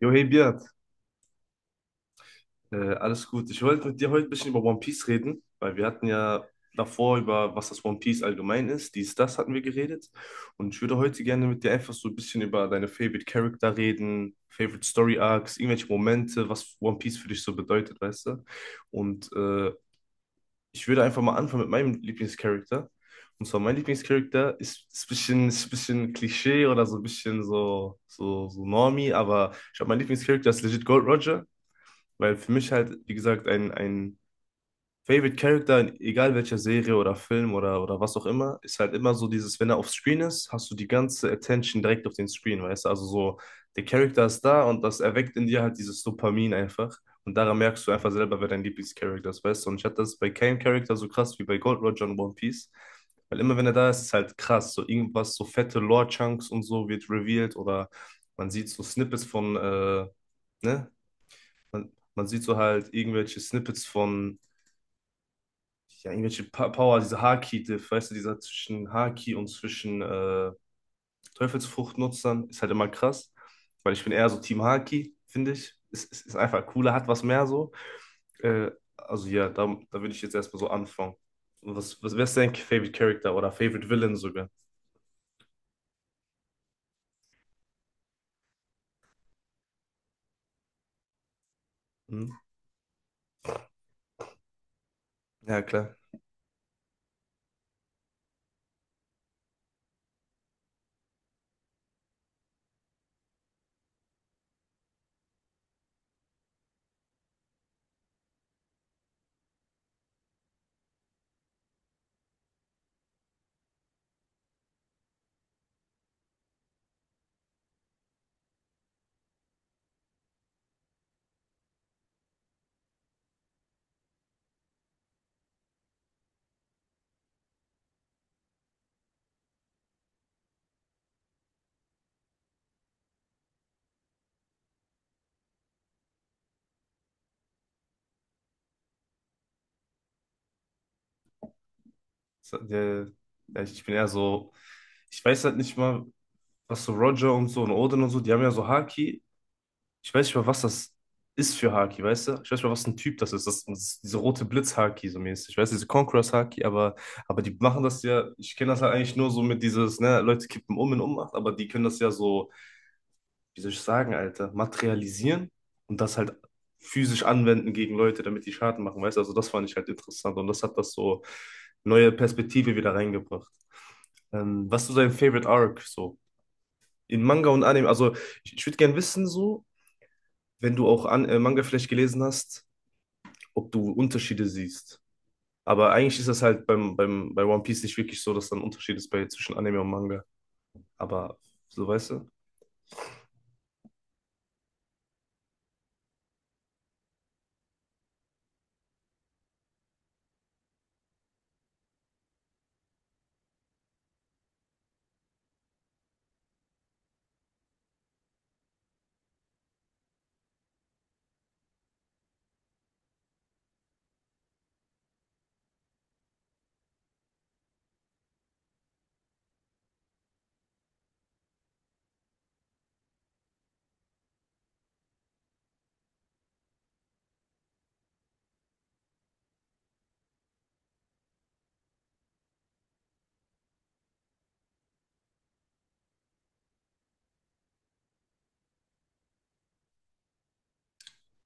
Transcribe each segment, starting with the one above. Jo, hey Beat, alles gut. Ich wollte mit dir heute ein bisschen über One Piece reden, weil wir hatten ja davor über, was das One Piece allgemein ist, dies, das hatten wir geredet. Und ich würde heute gerne mit dir einfach so ein bisschen über deine Favorite Character reden, Favorite Story Arcs, irgendwelche Momente, was One Piece für dich so bedeutet, weißt du? Und ich würde einfach mal anfangen mit meinem Lieblingscharakter. Und zwar mein Lieblingscharakter ist ein bisschen Klischee oder so ein bisschen so Normie, aber ich habe meinen Lieblingscharakter ist legit Gold Roger. Weil für mich halt, wie gesagt, ein Favorite Character, in egal welcher Serie oder Film oder was auch immer, ist halt immer so dieses, wenn er auf Screen ist, hast du die ganze Attention direkt auf den Screen, weißt du? Also so, der Charakter ist da und das erweckt in dir halt dieses Dopamin einfach. Und daran merkst du einfach selber, wer dein Lieblingscharakter ist, weißt du? Und ich hatte das bei keinem Charakter so krass wie bei Gold Roger und One Piece. Weil immer wenn er da ist, ist halt krass. So irgendwas, so fette Lore-Chunks und so wird revealed oder man sieht so Snippets von ne, man sieht so halt irgendwelche Snippets von, ja, irgendwelche pa Power, diese Haki-Diff, weißt du, dieser zwischen Haki und zwischen Teufelsfruchtnutzern ist halt immer krass, weil ich bin eher so Team Haki, finde ich. Es ist einfach cooler, hat was mehr so. Äh, also ja, da würde ich jetzt erstmal so anfangen. Und wer ist dein Favorite Character oder Favorite Villain sogar? Hm? Ja, klar. So. Ja, ich bin eher so, ich weiß halt nicht mal, was so Roger und so und Odin und so, die haben ja so Haki, ich weiß nicht mal, was das ist für Haki, weißt du? Ich weiß nicht mal, was ein Typ das ist. Das ist diese rote Blitz-Haki so mäßig. Ich weiß, diese Conquerors-Haki, aber die machen das ja. Ich kenne das halt eigentlich nur so mit dieses, ne, Leute kippen um in Ohnmacht, aber die können das ja so, wie soll ich sagen, Alter, materialisieren und das halt physisch anwenden gegen Leute, damit die Schaden machen, weißt du? Also, das fand ich halt interessant und das hat das so neue Perspektive wieder reingebracht. Was ist so dein Favorite Arc so? In Manga und Anime, also ich würde gerne wissen, so, wenn du auch an, Manga vielleicht gelesen hast, ob du Unterschiede siehst. Aber eigentlich ist das halt bei One Piece nicht wirklich so, dass da ein Unterschied ist bei, zwischen Anime und Manga. Aber so weißt du.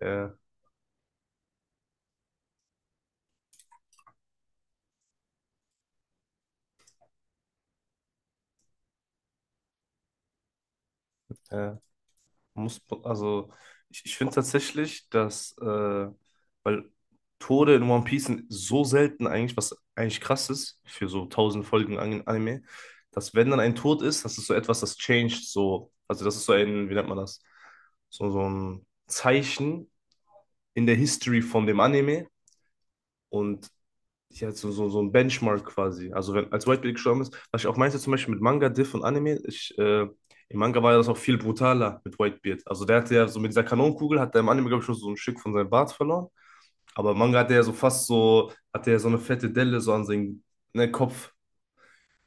Äh, äh, muss, also Ich finde tatsächlich, dass, weil Tode in One Piece sind so selten eigentlich, was eigentlich krass ist für so 1000 Folgen Anime, dass wenn dann ein Tod ist, das ist so etwas, das changed so, also das ist so ein, wie nennt man das? So, so ein Zeichen in der History von dem Anime und ja, so ein Benchmark quasi. Also wenn als White Bait gestorben ist, was ich auch meinte zum Beispiel mit Manga, Diff und Anime, im Manga war ja das auch viel brutaler mit Whitebeard. Also der hatte ja so mit dieser Kanonenkugel, hat er im Anime, glaube ich, schon so ein Stück von seinem Bart verloren. Aber im Manga hat er ja so eine fette Delle so an seinem ne, Kopf.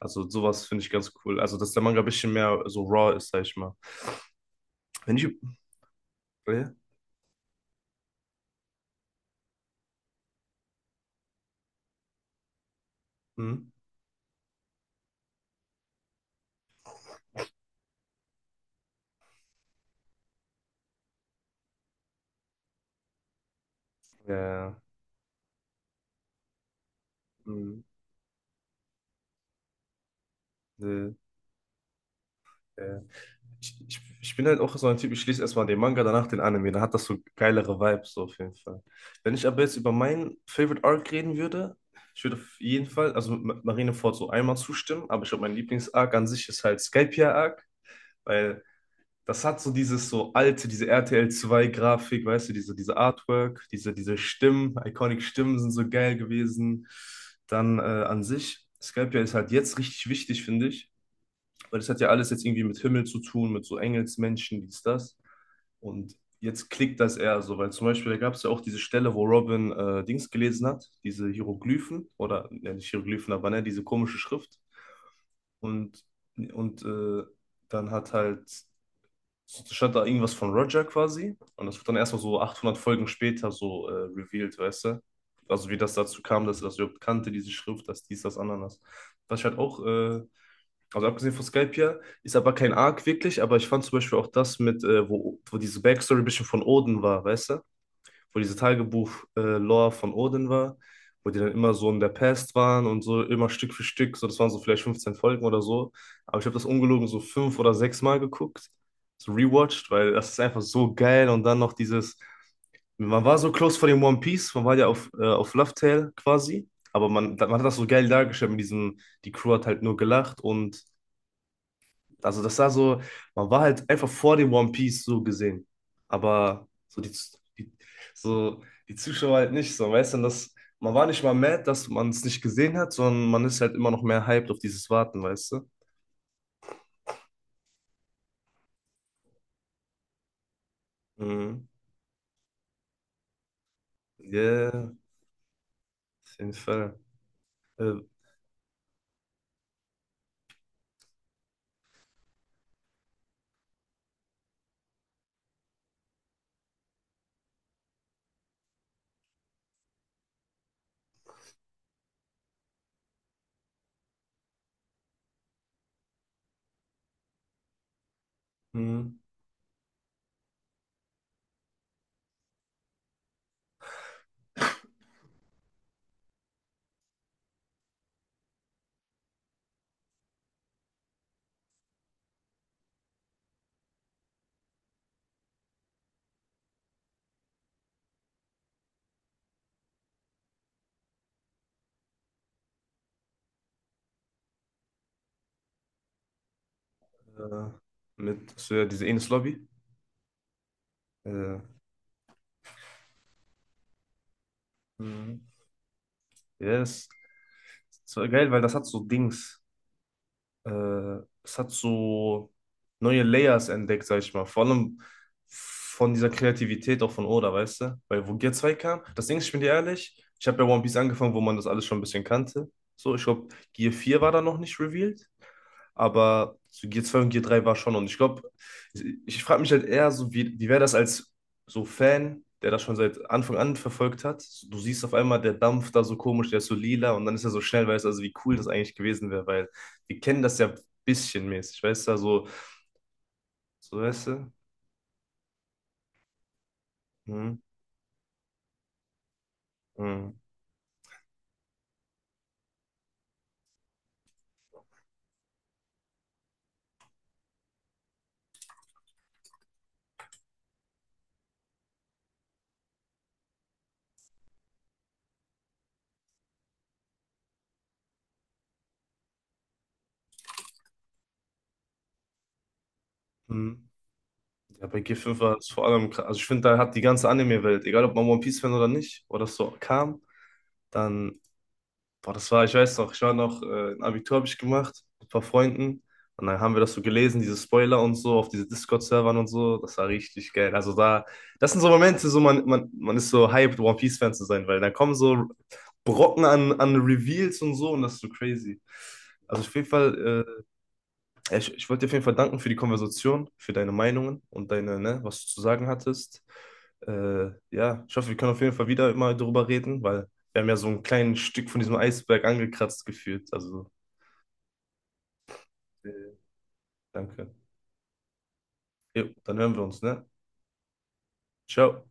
Also sowas finde ich ganz cool. Also dass der Manga ein bisschen mehr so raw ist, sag ich mal. Wenn ich... Ja? Hm? Ja, ja. Hm. Ja. Äh, ich bin halt auch so ein Typ, ich lese erstmal den Manga, danach den Anime. Da hat das so geilere Vibes so auf jeden Fall. Wenn ich aber jetzt über meinen Favorite Arc reden würde, ich würde auf jeden Fall, also Marineford so einmal zustimmen, aber ich glaube, mein Lieblings-Arc an sich ist halt Skypiea-Arc, weil das hat so dieses so alte, diese RTL 2 Grafik, weißt du, diese Artwork, diese Stimmen, iconic Stimmen sind so geil gewesen. Dann an sich, Skypiea ist halt jetzt richtig wichtig, finde ich, weil das hat ja alles jetzt irgendwie mit Himmel zu tun, mit so Engelsmenschen, dies, das. Und jetzt klickt das eher so, weil zum Beispiel, da gab es ja auch diese Stelle, wo Robin Dings gelesen hat, diese Hieroglyphen, oder ja, nicht Hieroglyphen, aber ne, diese komische Schrift. Und, und dann hat halt, stand da irgendwas von Roger quasi. Und das wird dann erstmal so 800 Folgen später so revealed, weißt du? Also wie das dazu kam, dass er das überhaupt kannte, diese Schrift, dass dies, das, Ananas. Was ich halt auch, also abgesehen von Skype hier, ist aber kein Arc wirklich, aber ich fand zum Beispiel auch das mit, wo diese Backstory ein bisschen von Odin war, weißt du? Wo diese Tagebuch-Lore von Odin war, wo die dann immer so in der Past waren und so immer Stück für Stück, so das waren so vielleicht 15 Folgen oder so. Aber ich habe das ungelogen so fünf oder sechs Mal geguckt, so rewatcht, weil das ist einfach so geil und dann noch dieses, man war so close vor dem One Piece, man war ja auf Love Tale quasi, aber man hat das so geil dargestellt mit diesem, die Crew hat halt nur gelacht und also das war so, man war halt einfach vor dem One Piece so gesehen. Aber so die, so die Zuschauer halt nicht so, weißt du, das, man war nicht mal mad, dass man es nicht gesehen hat, sondern man ist halt immer noch mehr hyped auf dieses Warten, weißt du? Mhm. Yeah, auf jeden Fall. Äh, mhm. äh, mit so, ja, diese Enes Lobby. Äh, mhm. Yes. Das war geil, weil das hat so Dings. Es hat so neue Layers entdeckt, sag ich mal. Vor allem von dieser Kreativität auch von Oda, weißt du? Weil wo Gear 2 kam, das Ding ist, ich bin dir ehrlich, ich habe bei One Piece angefangen, wo man das alles schon ein bisschen kannte. So, ich glaube, Gear 4 war da noch nicht revealed. Aber so G2 und G3 war schon. Und ich glaube, ich frage mich halt eher so, wie wäre das als so Fan, der das schon seit Anfang an verfolgt hat? Du siehst auf einmal der Dampf da so komisch, der ist so lila und dann ist er so schnell, weißt du, also wie cool das eigentlich gewesen wäre, weil wir kennen das ja bisschen mäßig, weißt du, also, so weißt du. Hm, hm, hm. Ja, bei G5 war es vor allem, also ich finde, da hat die ganze Anime-Welt, egal ob man One Piece-Fan oder nicht, oder das so kam, dann Boah, das war, ich weiß noch, ich war noch, ein Abitur habe ich gemacht mit ein paar Freunden und dann haben wir das so gelesen, diese Spoiler und so auf diese Discord-Servern und so. Das war richtig geil. Also da, das sind so Momente, so man ist so hyped, One Piece-Fan zu sein, weil da kommen so Brocken an Reveals und so und das ist so crazy. Also auf jeden Fall, ja, ich wollte dir auf jeden Fall danken für die Konversation, für deine Meinungen und deine, ne, was du zu sagen hattest. Ja, ich hoffe, wir können auf jeden Fall wieder immer darüber reden, weil wir haben ja so ein kleines Stück von diesem Eisberg angekratzt gefühlt. Also, äh, danke. Jo, dann hören wir uns, ne? Ciao.